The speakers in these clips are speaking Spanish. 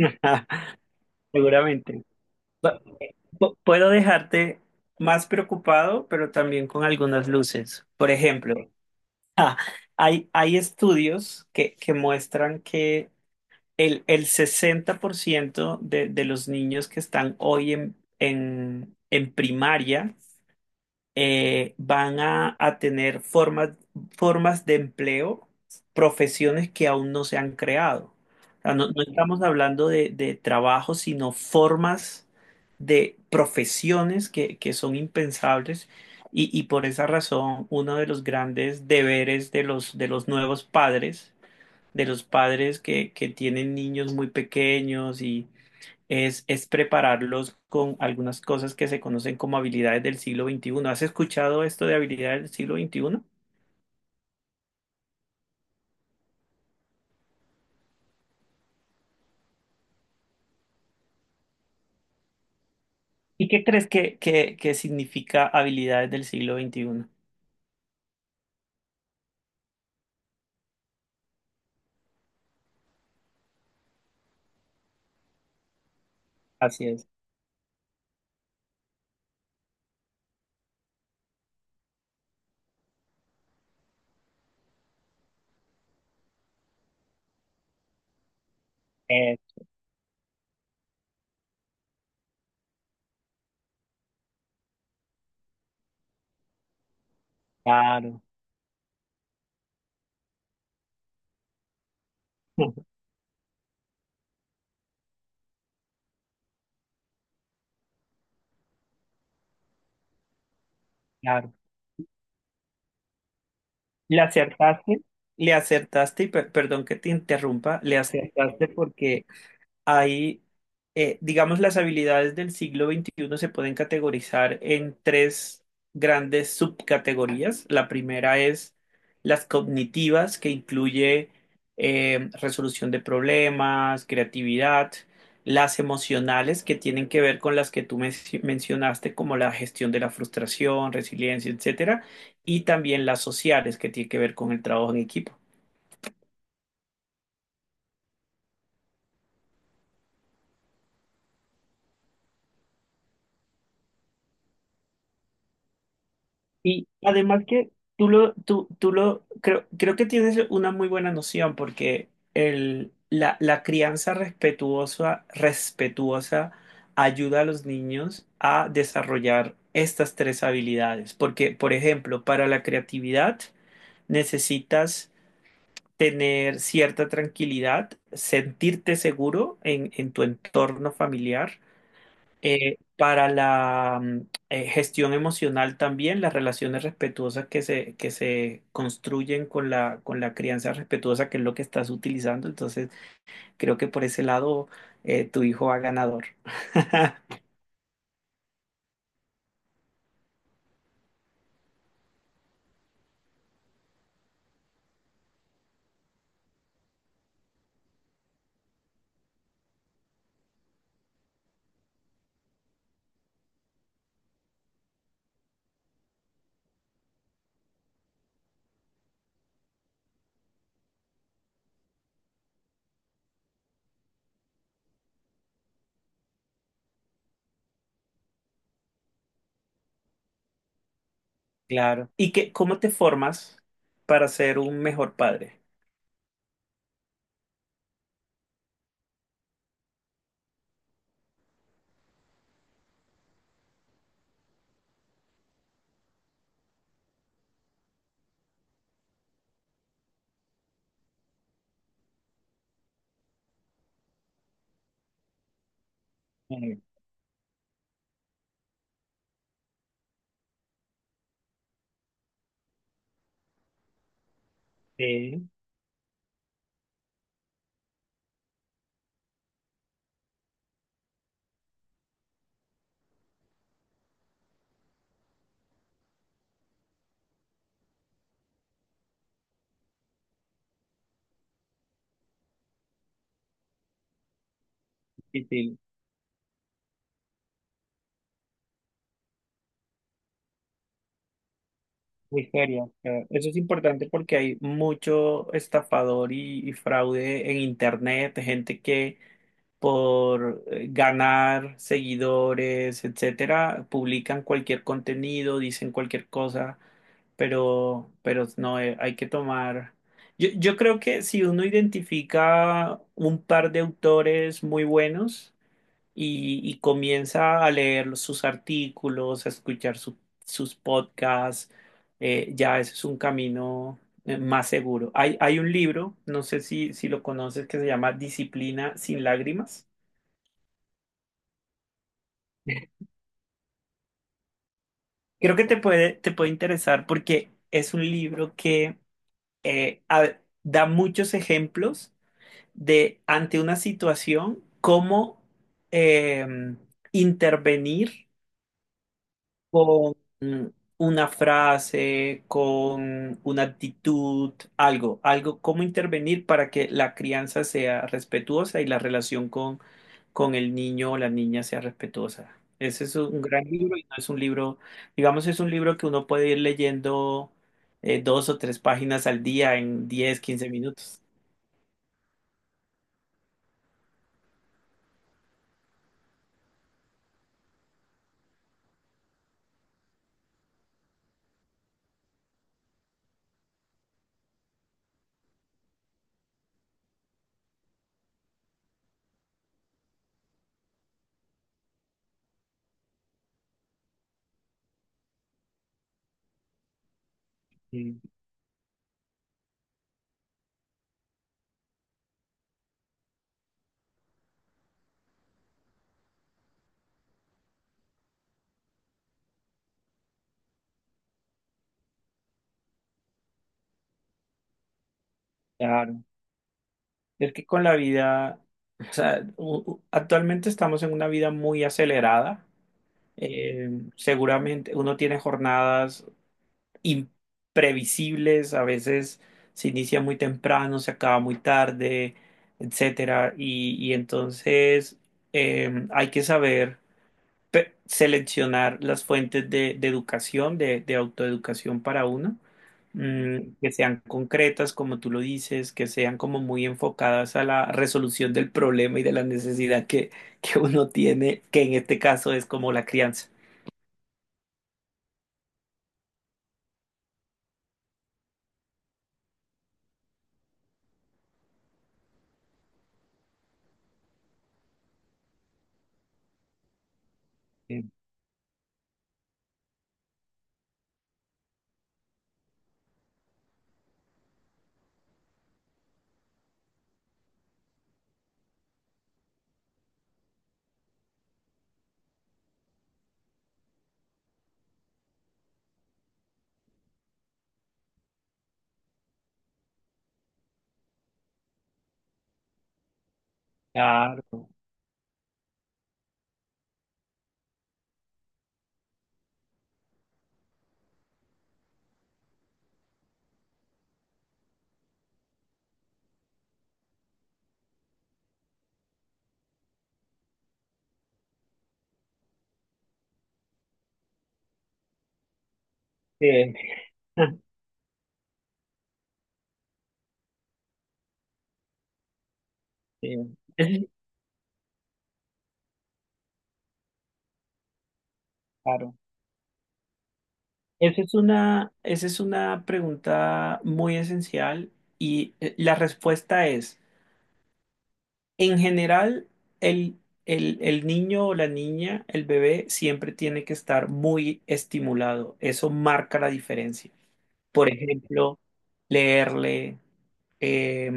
Seguramente. Pa- Puedo dejarte más preocupado, pero también con algunas luces. Por ejemplo, ah, hay estudios que muestran que el 60% de los niños que están hoy en primaria van a tener formas de empleo, profesiones que aún no se han creado. O sea, no, no estamos hablando de trabajo, sino formas de profesiones que son impensables y por esa razón uno de los grandes deberes de los nuevos padres, de los padres que tienen niños muy pequeños y es prepararlos con algunas cosas que se conocen como habilidades del siglo XXI. ¿Has escuchado esto de habilidades del siglo XXI? ¿Y qué crees que significa habilidades del siglo XXI? Así es. Eh, claro, claro. Le acertaste, le acertaste, y perdón que te interrumpa, le acertaste porque Hay, digamos, las habilidades del siglo XXI se pueden categorizar en tres grandes subcategorías. La primera es las cognitivas, que incluye resolución de problemas, creatividad. Las emocionales, que tienen que ver con las que tú mencionaste, como la gestión de la frustración, resiliencia, etcétera. Y también las sociales, que tienen que ver con el trabajo en equipo. Y además que tú lo, tú lo, creo que tienes una muy buena noción porque la crianza respetuosa, respetuosa ayuda a los niños a desarrollar estas tres habilidades. Porque, por ejemplo, para la creatividad necesitas tener cierta tranquilidad, sentirte seguro en tu entorno familiar. Para la gestión emocional también, las relaciones respetuosas que se construyen con la crianza respetuosa, que es lo que estás utilizando. Entonces, creo que por ese lado tu hijo va ganador. Claro. ¿Y cómo te formas para ser un mejor padre? Eh, Sí, difícil, muy serio. Claro. Eso es importante porque hay mucho estafador y fraude en internet, gente que por ganar seguidores, etcétera, publican cualquier contenido, dicen cualquier cosa, pero no, hay que tomar. Yo creo que si uno identifica un par de autores muy buenos y comienza a leer sus artículos, a escuchar sus podcasts, ya ese es un camino más seguro. Hay un libro, no sé si lo conoces, que se llama Disciplina sin lágrimas. Creo que te puede interesar porque es un libro que da muchos ejemplos de ante una situación cómo eh, intervenir con una frase, con una actitud, cómo intervenir para que la crianza sea respetuosa y la relación con el niño o la niña sea respetuosa. Ese es un gran libro y no es un libro, digamos, es un libro que uno puede ir leyendo dos o tres páginas al día en 10, 15 minutos. Mm, claro. Es que con la vida, o sea, actualmente estamos en una vida muy acelerada. Eh, seguramente uno tiene jornadas imprevisibles, a veces se inicia muy temprano, se acaba muy tarde, etcétera. Y entonces hay que saber seleccionar las fuentes de educación, de autoeducación para uno, que sean concretas, como tú lo dices, que sean como muy enfocadas a la resolución del problema y de la necesidad que uno tiene, que en este caso es como la crianza. Claro, sí, sí, claro. Esa es una pregunta muy esencial y la respuesta es, en general, el, el niño o la niña, el bebé, siempre tiene que estar muy estimulado. Eso marca la diferencia. Por ejemplo, leerle. eh,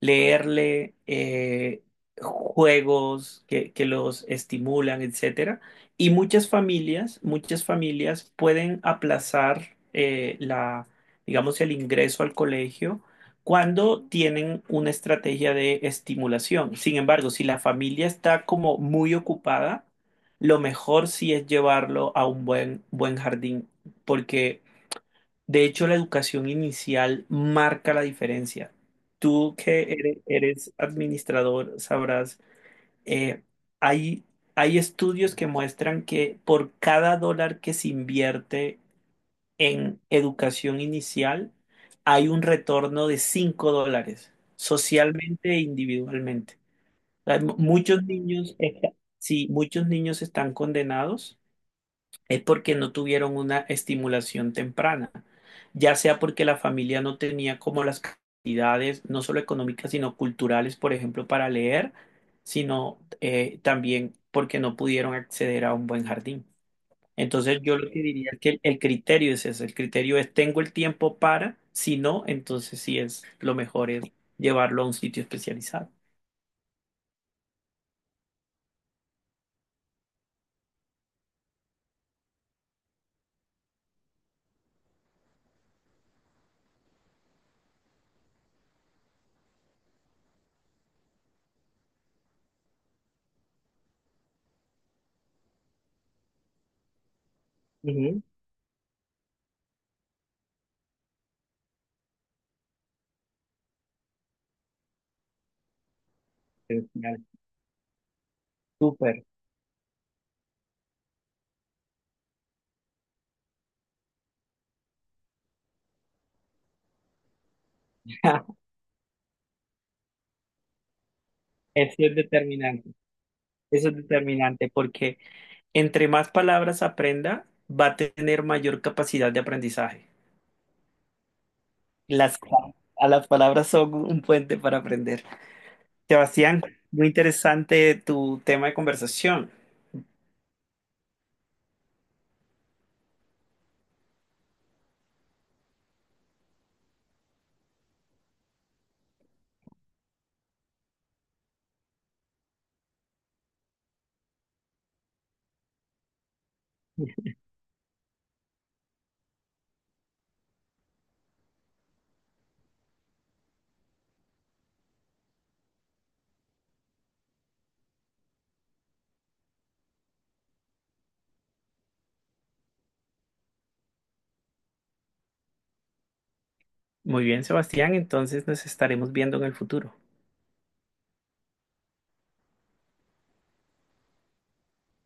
leerle, juegos que los estimulan, etcétera. Y muchas familias pueden aplazar digamos, el ingreso al colegio cuando tienen una estrategia de estimulación. Sin embargo, si la familia está como muy ocupada, lo mejor sí es llevarlo a un buen jardín, porque de hecho, la educación inicial marca la diferencia. Tú que eres administrador sabrás, eh, hay, hay estudios que muestran que por cada dólar que se invierte en educación inicial, hay un retorno de $5, socialmente e individualmente. O sea, muchos niños, sí, muchos niños están condenados es porque no tuvieron una estimulación temprana, ya sea porque la familia no tenía como las capacidades, no solo económicas, sino culturales, por ejemplo, para leer, sino también porque no pudieron acceder a un buen jardín. Entonces yo lo que diría es que el criterio es ese, el criterio es tengo el tiempo para, si no, entonces sí es lo mejor es llevarlo a un sitio especializado. Ujú. Genial. Súper. Eso es determinante, eso es determinante porque entre más palabras aprenda, va a tener mayor capacidad de aprendizaje. Las, a las palabras son un puente para aprender. Sebastián, muy interesante tu tema de conversación. Muy bien, Sebastián, entonces nos estaremos viendo en el futuro.